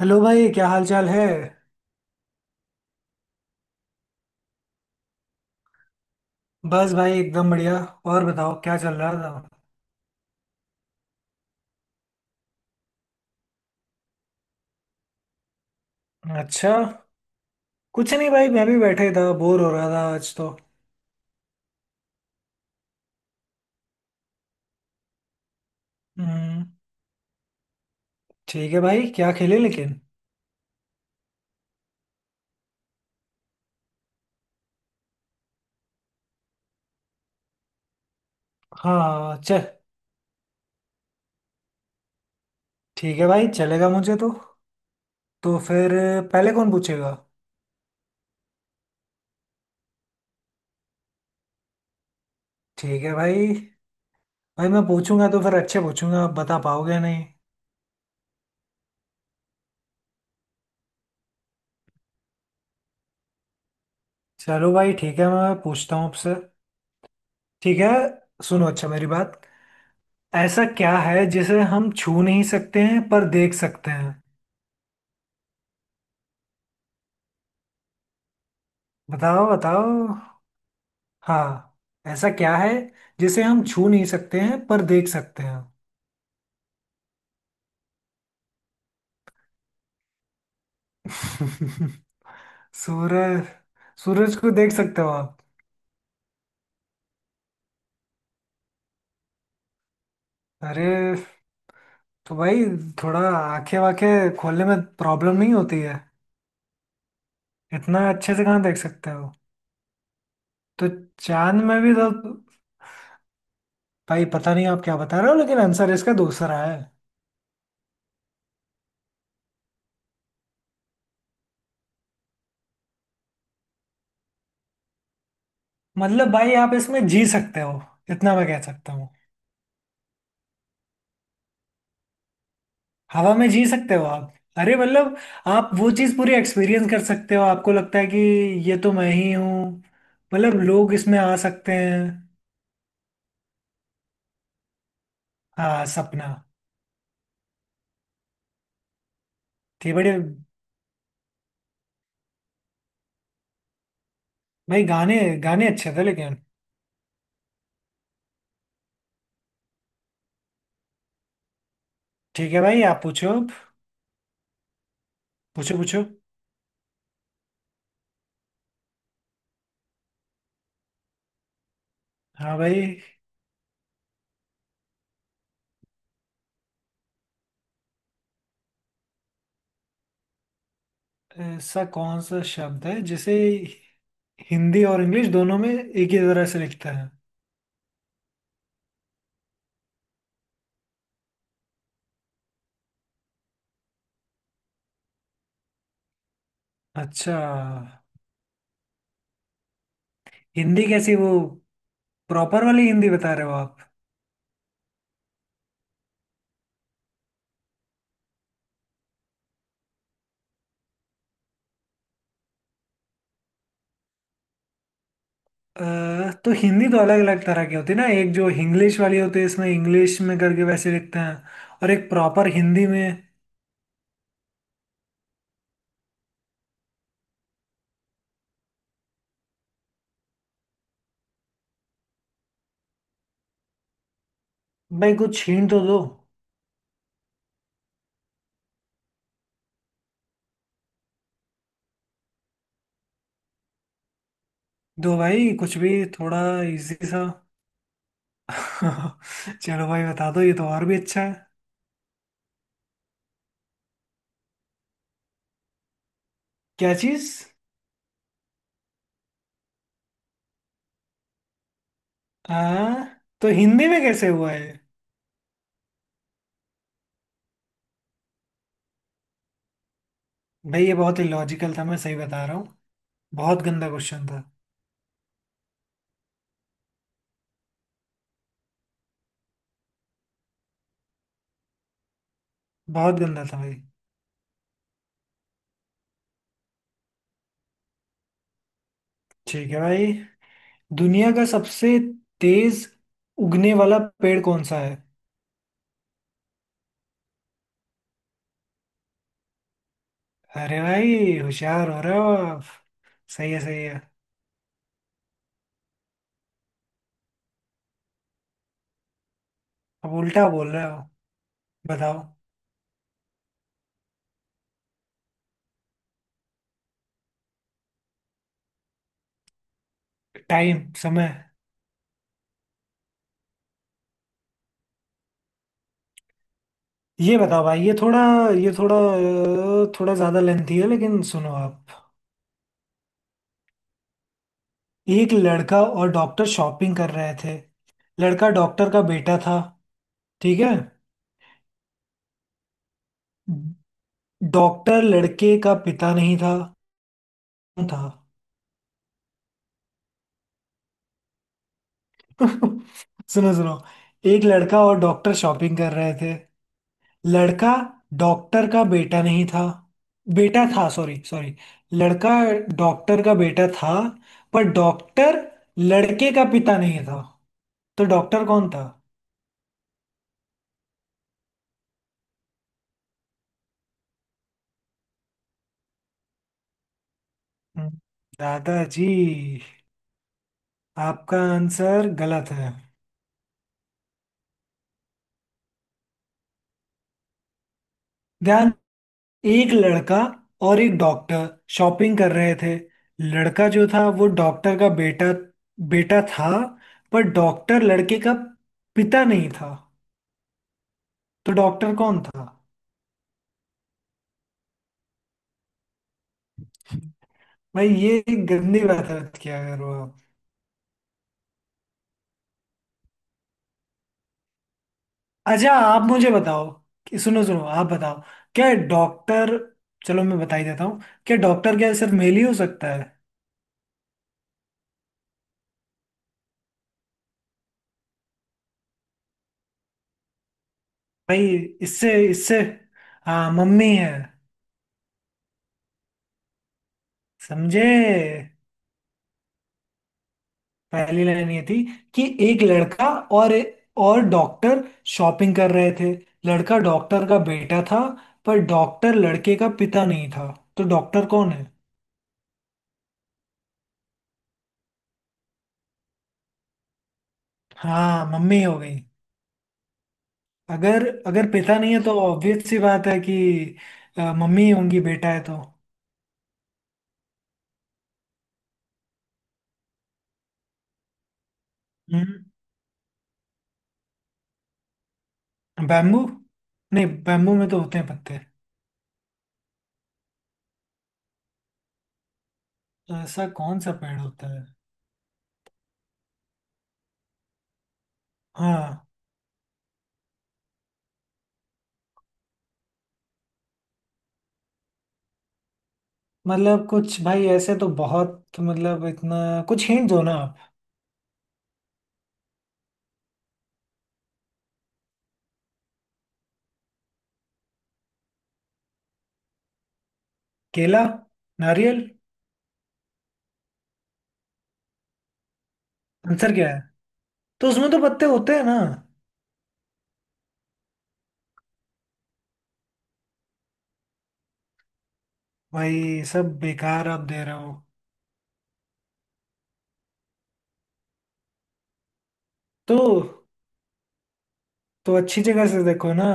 Hello भाई, क्या हाल चाल है? बस भाई एकदम बढ़िया। और बताओ क्या चल रहा था। अच्छा। कुछ नहीं भाई, मैं भी बैठे ही था, बोर हो रहा था आज तो। हम्म। ठीक है भाई, क्या खेले लेकिन। हाँ चल। ठीक है भाई, चलेगा मुझे तो। तो फिर पहले कौन पूछेगा? ठीक है भाई। भाई मैं पूछूंगा तो फिर अच्छे पूछूंगा, आप बता पाओगे नहीं। चलो भाई, ठीक है, मैं पूछता हूँ आपसे। ठीक है। सुनो अच्छा मेरी बात। ऐसा क्या है जिसे हम छू नहीं सकते हैं पर देख सकते हैं? बताओ बताओ। हाँ। ऐसा क्या है जिसे हम छू नहीं सकते हैं पर देख सकते हैं? सूरज। सूरज को देख सकते हो आप? अरे तो भाई थोड़ा आंखें वाखें खोलने में प्रॉब्लम नहीं होती है? इतना अच्छे से कहाँ देख सकते हो। तो चांद में भी तो। भाई पता नहीं आप क्या बता रहे हो, लेकिन आंसर इसका दूसरा है। मतलब भाई आप इसमें जी सकते हो। इतना मैं कह सकता हूँ। हवा में जी सकते हो आप? अरे मतलब आप वो चीज़ पूरी एक्सपीरियंस कर सकते हो, आपको लगता है कि ये तो मैं ही हूँ। मतलब लोग इसमें आ सकते हैं। हाँ, सपना। थे बड़े। भाई गाने, गाने अच्छे थे लेकिन। ठीक है भाई आप पूछो। पूछो पूछो। हाँ भाई। ऐसा कौन सा शब्द है जिसे हिंदी और इंग्लिश दोनों में एक ही तरह से लिखते हैं? अच्छा, हिंदी कैसी वो? प्रॉपर वाली हिंदी बता रहे हो आप? अ, तो हिंदी तो अलग अलग तरह की होती है ना, एक जो इंग्लिश वाली होती है इसमें इंग्लिश में करके वैसे लिखते हैं, और एक प्रॉपर हिंदी में। भाई कुछ हिंट तो दो। दो भाई कुछ भी, थोड़ा इजी सा। चलो भाई बता दो, ये तो और भी अच्छा है। क्या चीज? आ तो हिंदी में कैसे हुआ है? भाई ये बहुत ही लॉजिकल था, मैं सही बता रहा हूँ। बहुत गंदा क्वेश्चन था। बहुत गंदा था भाई। ठीक है भाई। दुनिया का सबसे तेज उगने वाला पेड़ कौन सा है? अरे भाई होशियार हो रहे हो आप। सही है सही है। अब उल्टा बोल रहे हो। बताओ। टाइम, समय। ये बताओ भाई, ये थोड़ा, ये थोड़ा थोड़ा ज्यादा लेंथी है, लेकिन सुनो आप। एक लड़का और डॉक्टर शॉपिंग कर रहे थे। लड़का डॉक्टर का बेटा था। ठीक है। डॉक्टर लड़के का पिता नहीं था। कौन था? सुनो सुनो। एक लड़का और डॉक्टर शॉपिंग कर रहे थे। लड़का डॉक्टर का बेटा नहीं था, बेटा था, सॉरी सॉरी। लड़का डॉक्टर का बेटा था, पर डॉक्टर लड़के का पिता नहीं था। तो डॉक्टर कौन था? हम्म। दादाजी? आपका आंसर गलत है। ध्यान। एक लड़का और एक डॉक्टर शॉपिंग कर रहे थे। लड़का जो था वो डॉक्टर का बेटा, बेटा था, पर डॉक्टर लड़के का पिता नहीं था। तो डॉक्टर कौन था? भाई ये एक गंदी बात है, क्या करो आप। अच्छा आप मुझे बताओ कि, सुनो सुनो, आप बताओ। क्या डॉक्टर। चलो मैं बता ही देता हूँ। क्या डॉक्टर क्या सिर्फ मेल ही हो सकता है? भाई इससे इससे, हाँ मम्मी है। समझे? पहली लाइन ये थी कि एक लड़का और और डॉक्टर शॉपिंग कर रहे थे। लड़का डॉक्टर का बेटा था, पर डॉक्टर लड़के का पिता नहीं था। तो डॉक्टर कौन है? हाँ मम्मी हो गई। अगर अगर पिता नहीं है तो ऑब्वियस सी बात है कि मम्मी ही होंगी, बेटा है तो। हम्म, बैम्बू। नहीं, बैम्बू में तो होते हैं पत्ते। ऐसा कौन सा पेड़ होता है? हाँ। मतलब कुछ भाई ऐसे तो बहुत, मतलब इतना कुछ हिंट दो ना आप। केला, नारियल। आंसर क्या है? तो उसमें तो पत्ते होते हैं ना। भाई सब बेकार आप दे रहे हो। तो तो अच्छी जगह से देखो ना।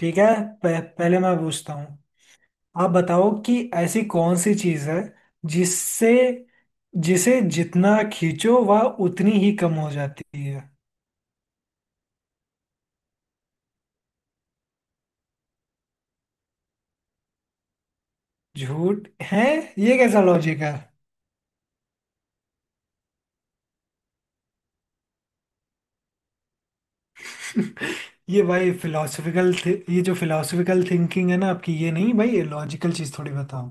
ठीक है। पहले मैं पूछता हूँ। आप बताओ कि ऐसी कौन सी चीज है जिससे जिसे जितना खींचो वह उतनी ही कम हो जाती है। झूठ है? ये कैसा लॉजिक है? ये भाई फिलोसफिकल, ये जो फिलोसफिकल थिंकिंग है ना आपकी, ये नहीं भाई, ये लॉजिकल चीज थोड़ी बताओ।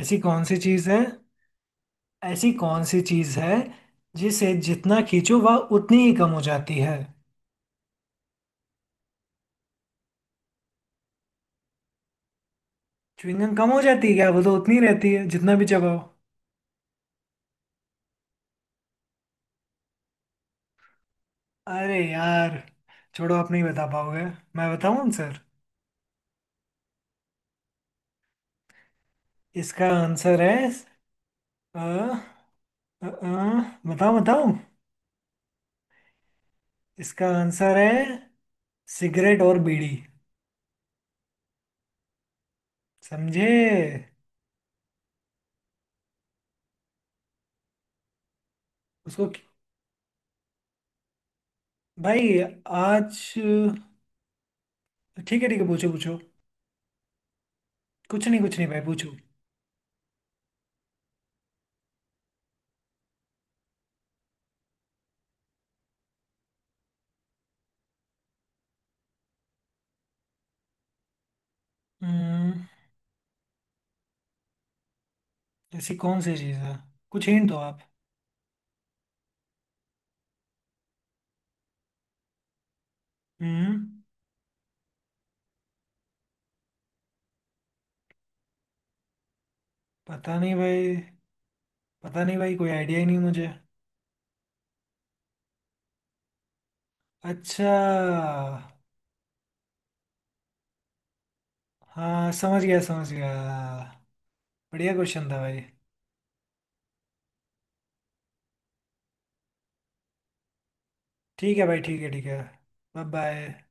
ऐसी कौन सी चीज है? ऐसी कौन सी चीज है जिसे जितना खींचो वह उतनी ही कम हो जाती है? च्युइंग गम कम हो जाती है क्या? वो तो उतनी ही रहती है जितना भी चबाओ। अरे यार छोड़ो, आप नहीं बता पाओगे। मैं बताऊं आंसर? इसका आंसर है अ, अ, अ, बताओ बताओ। इसका आंसर है सिगरेट और बीड़ी। समझे? उसको कि- भाई आज, ठीक है ठीक है, पूछो पूछो। कुछ नहीं भाई, पूछो। हम्म, ऐसी कौन सी चीज है? कुछ हिंट दो आप। हम्म। पता नहीं भाई। पता नहीं भाई, कोई आइडिया ही नहीं मुझे। अच्छा। हाँ समझ गया समझ गया। बढ़िया क्वेश्चन था भाई। ठीक है भाई, ठीक है ठीक है। Bye bye.